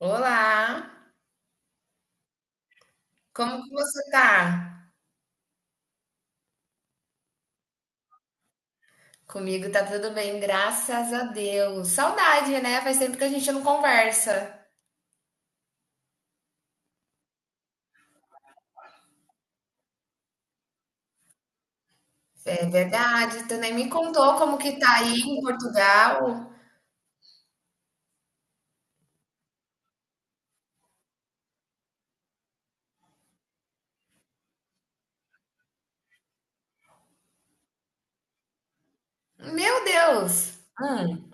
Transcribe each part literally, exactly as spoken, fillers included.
Olá, como que você tá? Comigo tá tudo bem, graças a Deus. Saudade, né? Faz tempo que a gente não conversa. É verdade, tu nem me contou como que tá aí em Portugal. Meu Deus! Hum,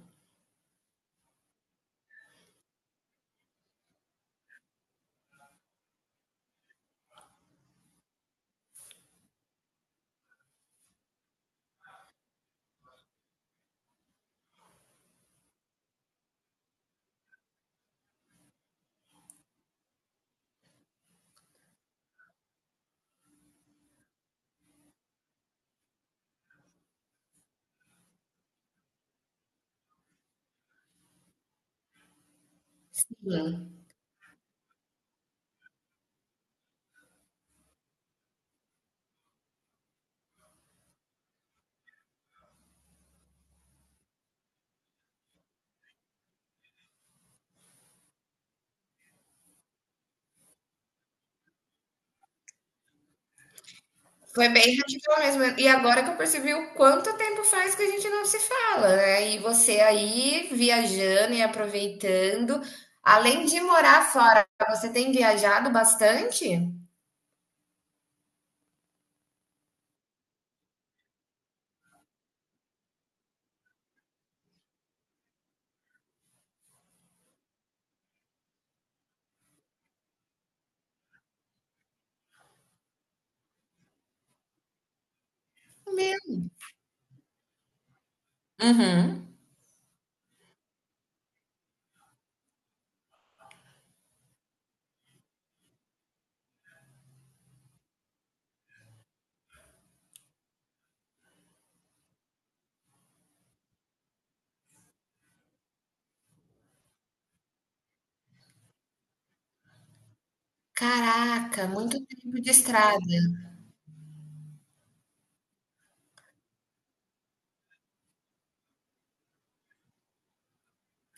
hum. Foi bem radical mesmo. E agora que eu percebi o quanto tempo faz que a gente não se fala, né? E você aí viajando e aproveitando. Além de morar fora, você tem viajado bastante? Meu. Uhum. Caraca, muito tempo de estrada,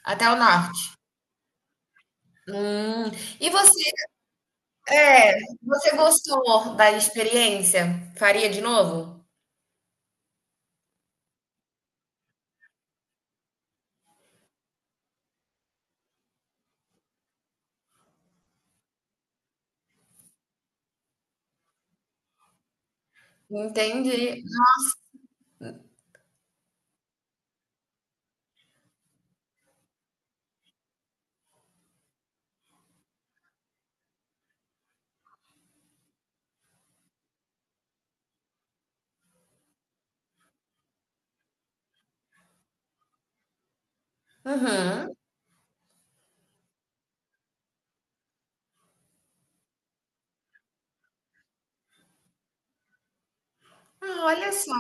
até o norte. Hum. E você, é, você gostou da experiência? Faria de novo? Entendi. Uhum. Ah, olha só.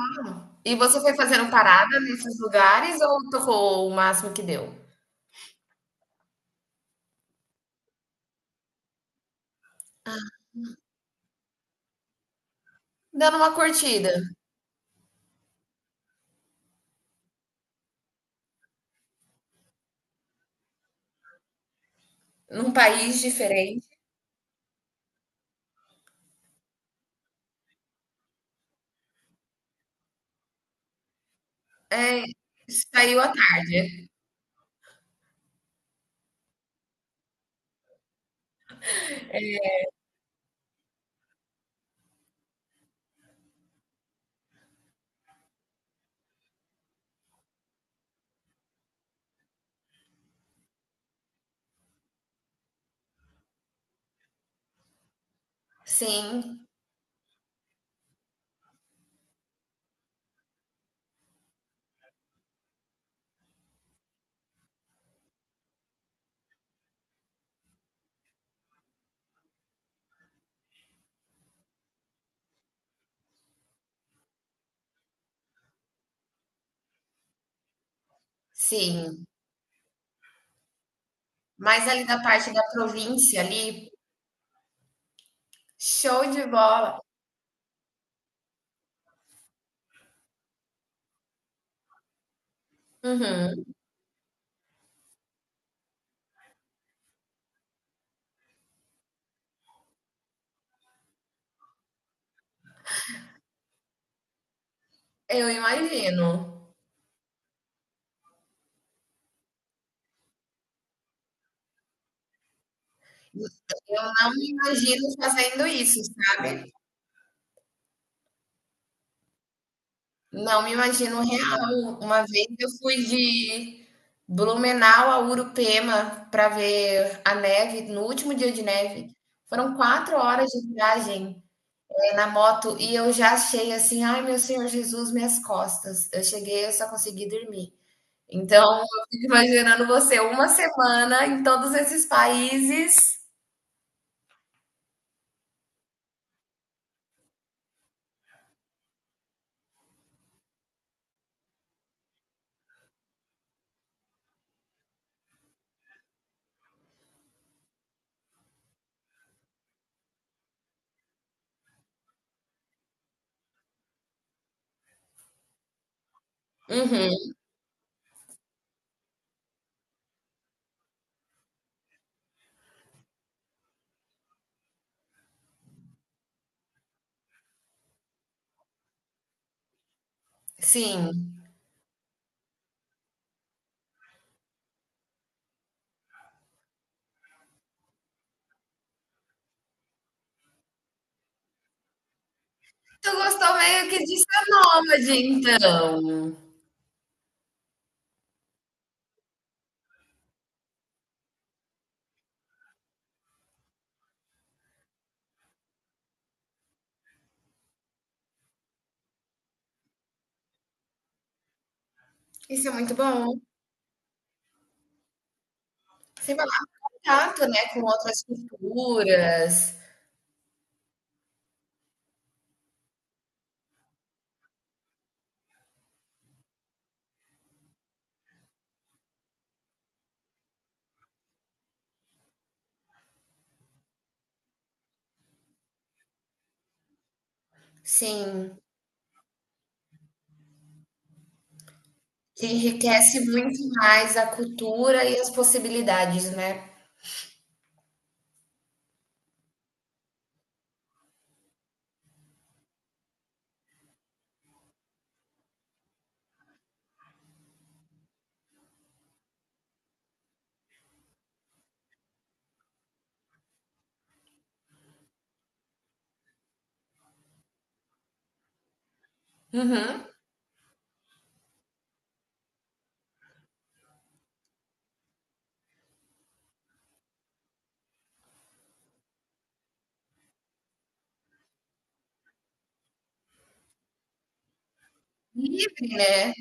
E você foi fazendo parada nesses lugares ou tocou o máximo que deu? Dando uma curtida num país diferente. É, saiu à tarde. Sim, sim. Mas ali da parte da província ali, show de bola. Uhum. Eu imagino. Não me imagino fazendo isso, sabe? Não me imagino real. Uma vez eu fui de Blumenau a Urupema para ver a neve, no último dia de neve. Foram quatro horas de viagem, eh, na moto e eu já achei assim, ai meu Senhor Jesus, minhas costas. Eu cheguei, eu só consegui dormir. Então, eu fico imaginando você uma semana em todos esses países. Uhum, sim. Tu gostou meio que de ser nômade, então. Isso é muito bom. Sem falar contato, né, com outras culturas. Sim, que enriquece muito mais a cultura e as possibilidades, né? Uhum. Livre, né?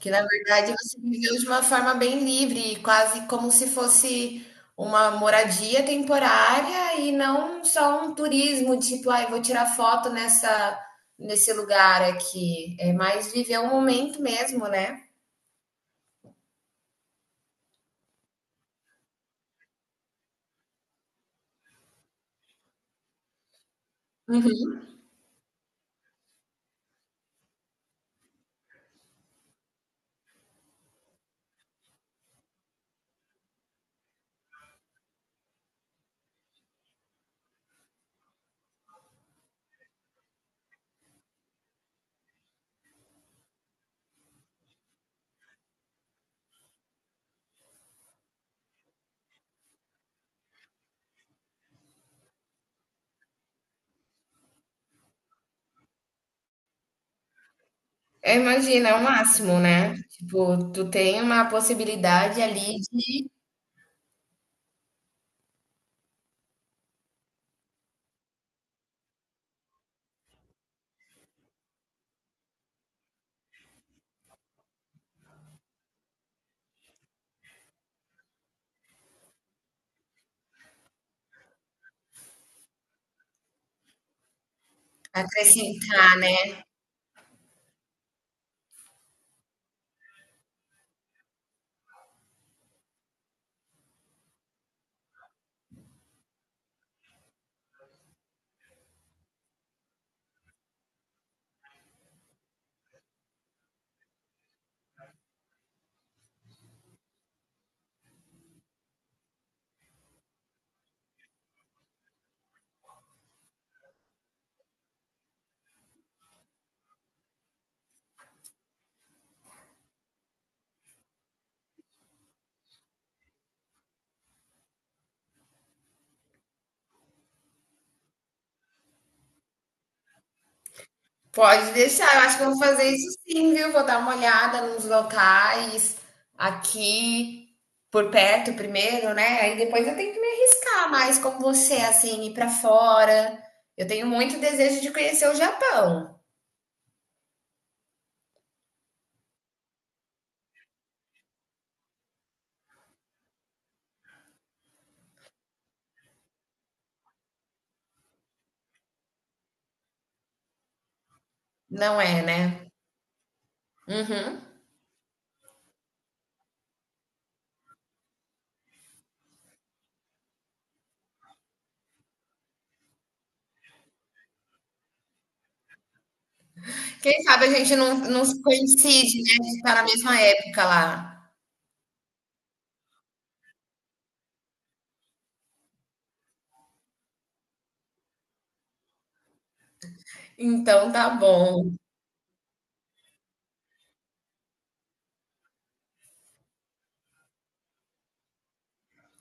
Que na verdade você viveu de uma forma bem livre, quase como se fosse uma moradia temporária e não só um turismo, tipo, ai, vou tirar foto nessa nesse lugar aqui. É mais viver o momento mesmo, né? Uhum. É, imagina, é o máximo, né? Tipo, tu tem uma possibilidade ali de acrescentar, né? Pode deixar, eu acho que eu vou fazer isso sim, viu? Vou dar uma olhada nos locais aqui por perto primeiro, né? Aí depois eu tenho que me arriscar mais como você, assim, ir pra fora. Eu tenho muito desejo de conhecer o Japão, não é, né? Uhum. Quem sabe a gente não, não coincide, né? A gente tá na mesma época lá. Então tá bom.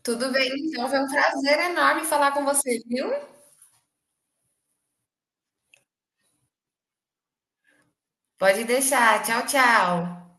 Tudo bem, então foi um prazer enorme falar com você, viu? Pode deixar. Tchau, tchau.